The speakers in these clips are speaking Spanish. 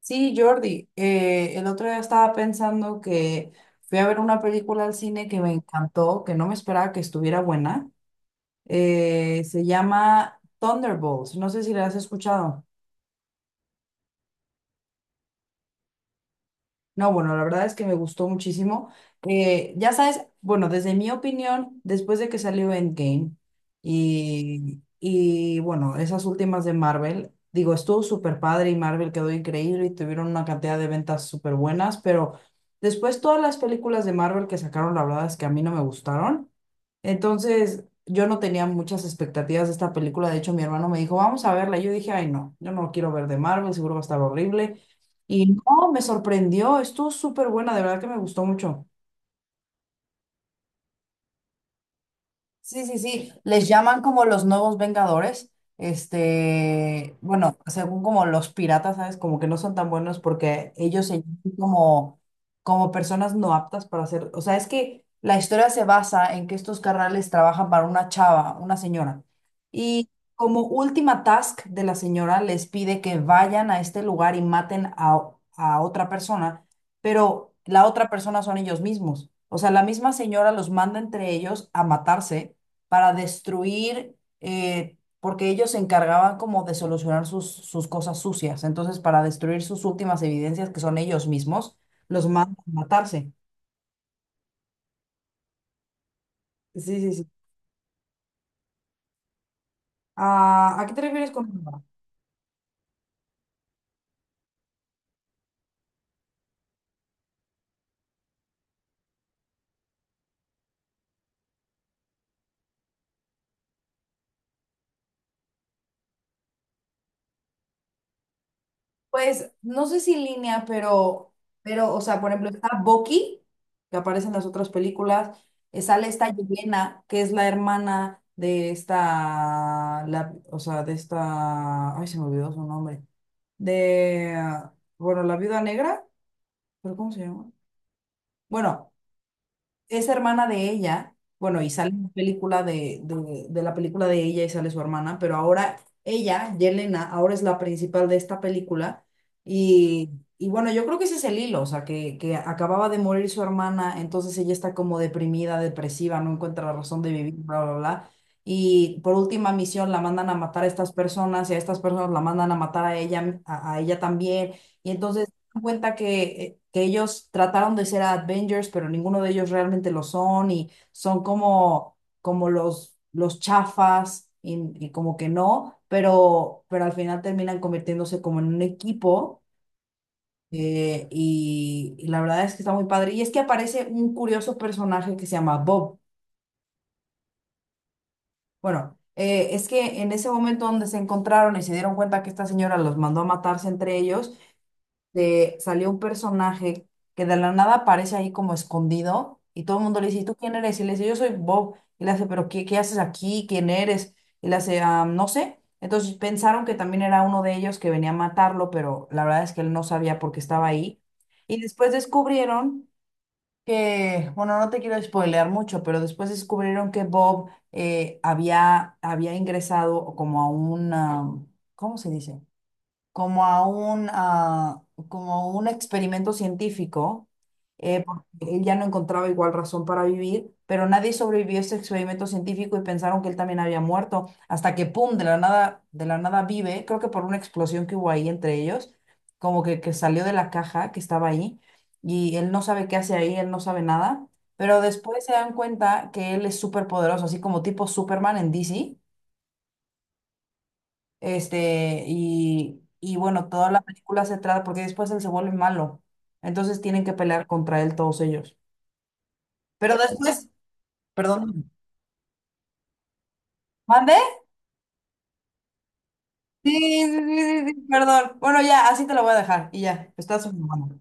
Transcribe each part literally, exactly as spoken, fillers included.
Sí, Jordi, eh, el otro día estaba pensando que fui a ver una película al cine que me encantó, que no me esperaba que estuviera buena. Eh, se llama Thunderbolts, no sé si la has escuchado. No, bueno, la verdad es que me gustó muchísimo. Eh, ya sabes, bueno, desde mi opinión, después de que salió Endgame y, y bueno, esas últimas de Marvel, digo, estuvo súper padre y Marvel quedó increíble y tuvieron una cantidad de ventas súper buenas, pero después todas las películas de Marvel que sacaron, la verdad es que a mí no me gustaron. Entonces, yo no tenía muchas expectativas de esta película. De hecho, mi hermano me dijo, vamos a verla. Y yo dije, ay, no, yo no quiero ver de Marvel, seguro va a estar horrible. Y no, me sorprendió, estuvo súper buena, de verdad que me gustó mucho. Sí, sí, sí, les llaman como los nuevos Vengadores, este, bueno, según como los piratas, ¿sabes? Como que no son tan buenos porque ellos se llaman como, como personas no aptas para hacer, o sea, es que la historia se basa en que estos carnales trabajan para una chava, una señora, y como última task de la señora les pide que vayan a este lugar y maten a, a otra persona, pero la otra persona son ellos mismos. O sea, la misma señora los manda entre ellos a matarse para destruir, eh, porque ellos se encargaban como de solucionar sus, sus cosas sucias. Entonces, para destruir sus últimas evidencias, que son ellos mismos, los manda a matarse. Sí, sí, sí. Ah, ¿a qué te refieres con... Pues no sé si línea, pero, pero, o sea, por ejemplo, está Bucky, que aparece en las otras películas, eh, sale esta Yelena, que es la hermana de esta, la, o sea, de esta, ay, se me olvidó su nombre, de, ah, bueno, la viuda negra, pero ¿cómo se llama? Bueno, es hermana de ella, bueno, y sale en la película de, de, de la película de ella y sale su hermana, pero ahora ella, Yelena, ahora es la principal de esta película y, y bueno, yo creo que ese es el hilo, o sea, que, que acababa de morir su hermana, entonces ella está como deprimida, depresiva, no encuentra la razón de vivir, bla, bla, bla. Y por última misión la mandan a matar a estas personas y a estas personas la mandan a matar a ella, a a ella también. Y entonces cuenta que, eh, que ellos trataron de ser Avengers, pero ninguno de ellos realmente lo son y son como, como los, los chafas y, y como que no, pero, pero al final terminan convirtiéndose como en un equipo, eh, y, y la verdad es que está muy padre. Y es que aparece un curioso personaje que se llama Bob. Bueno, eh, es que en ese momento donde se encontraron y se dieron cuenta que esta señora los mandó a matarse entre ellos, de salió un personaje que de la nada aparece ahí como escondido y todo el mundo le dice, ¿y tú quién eres? Y le dice, yo soy Bob. Y le hace, ¿pero qué, qué haces aquí? ¿Quién eres? Y le hace, "Ah, no sé". Entonces pensaron que también era uno de ellos que venía a matarlo, pero la verdad es que él no sabía por qué estaba ahí. Y después descubrieron que, bueno, no te quiero spoilear mucho, pero después descubrieron que Bob, eh, había, había ingresado como a una, ¿cómo se dice? Como a un, ah, como un experimento científico, eh, porque él ya no encontraba igual razón para vivir, pero nadie sobrevivió a ese experimento científico y pensaron que él también había muerto, hasta que, ¡pum!, de la nada, de la nada vive, creo que por una explosión que hubo ahí entre ellos, como que, que salió de la caja que estaba ahí, y él no sabe qué hace ahí, él no sabe nada, pero después se dan cuenta que él es súper poderoso, así como tipo Superman en D C, este, y, y bueno, toda la película se trata, porque después él se vuelve malo. Entonces tienen que pelear contra él todos ellos. Pero después, perdón, ¿mande? Sí, sí, sí, sí, sí, perdón. Bueno, ya, así te lo voy a dejar y ya, está súper bueno.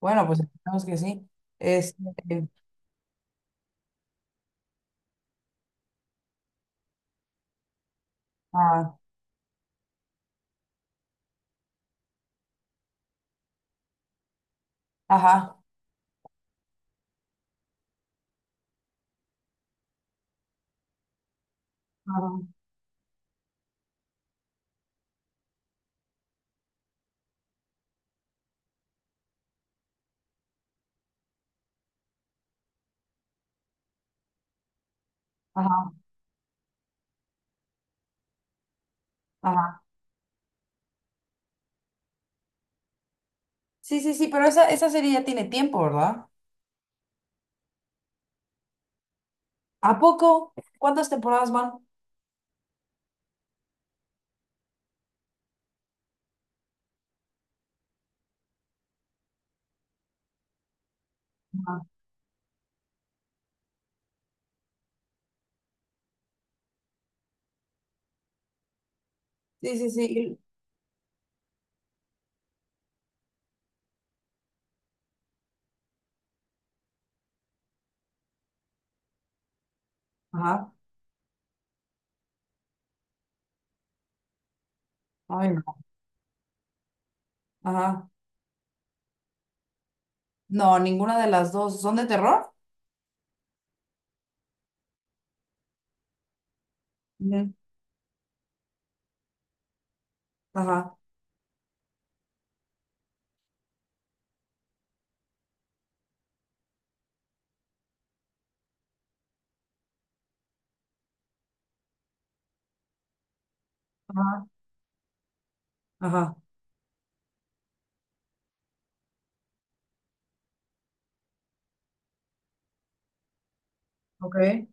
Bueno, pues esperemos que sí. Este, ah, ajá, ajá, ajá, ajá. Sí, sí, sí, pero esa, esa serie ya tiene tiempo, ¿verdad? ¿A poco? ¿Cuántas temporadas van? Ajá. Sí, sí, sí. Ajá. Ay, no. Ajá. No, ninguna de las dos. ¿Son de terror? Ujú. Ajá, ajá, ajá, ok.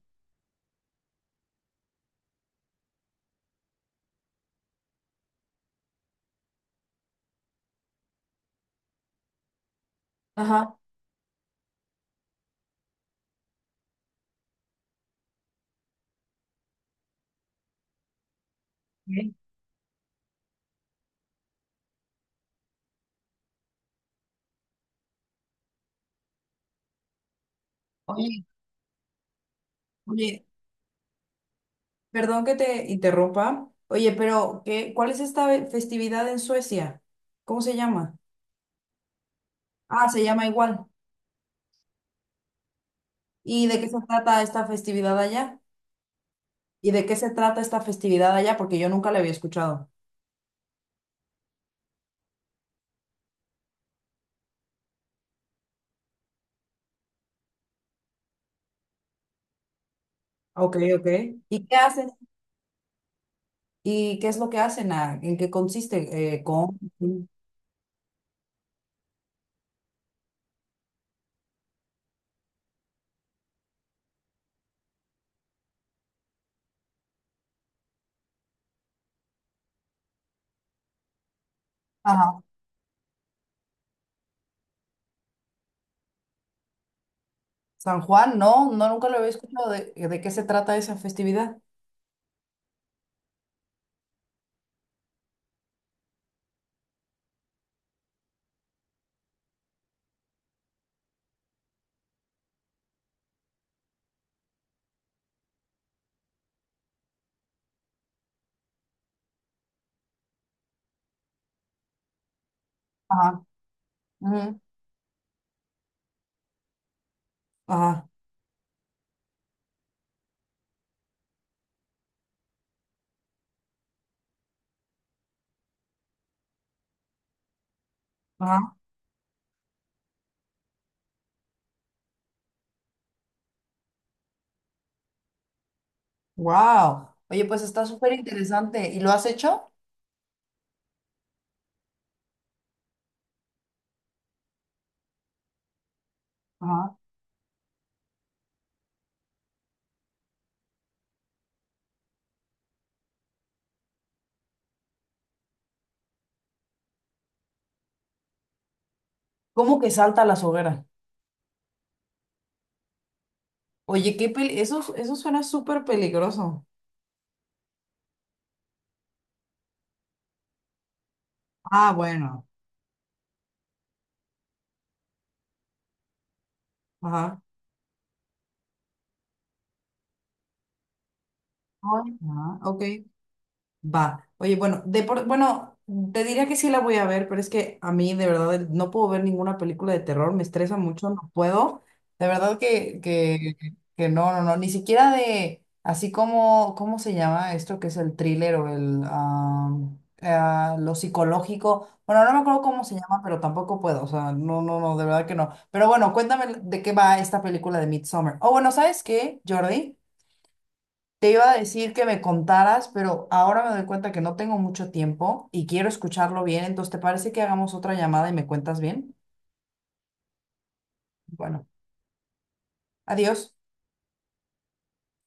Ajá. Ok. Oye, Oye, perdón que te interrumpa. Oye, pero ¿qué, cuál es esta ve- festividad en Suecia? ¿Cómo se llama? Ah, se llama igual. ¿Y de qué se trata esta festividad allá? ¿Y de qué se trata esta festividad allá? Porque yo nunca la había escuchado. Ok, ok. ¿Y qué hacen? ¿Y qué es lo que hacen? Ah, ¿en qué consiste? Eh, con... Ajá. San Juan, no, no, nunca lo había escuchado de, de qué se trata esa festividad. Ajá, ujú, ajá, ajá, wow. Oye, pues está súper interesante. ¿Y lo has hecho? Ajá. ¿Cómo que salta a las hogueras? Oye, qué pel- eso, eso suena súper peligroso. Ah, bueno. Ajá. Ay, ajá, ok. Va. Oye, bueno, de por- bueno, te diría que sí la voy a ver, pero es que a mí de verdad el- no puedo ver ninguna película de terror, me estresa mucho, no puedo. De verdad que, que, que no, no, no, ni siquiera de, así como, ¿cómo se llama esto que es el thriller o el, ah, ah, lo psicológico? Bueno, no me acuerdo cómo se llama, pero tampoco puedo, o sea, no, no, no, de verdad que no. Pero bueno, cuéntame de qué va esta película de Midsommar. Oh, bueno, ¿sabes qué, Jordi? Te iba a decir que me contaras, pero ahora me doy cuenta que no tengo mucho tiempo y quiero escucharlo bien. Entonces, ¿te parece que hagamos otra llamada y me cuentas bien? Bueno, adiós.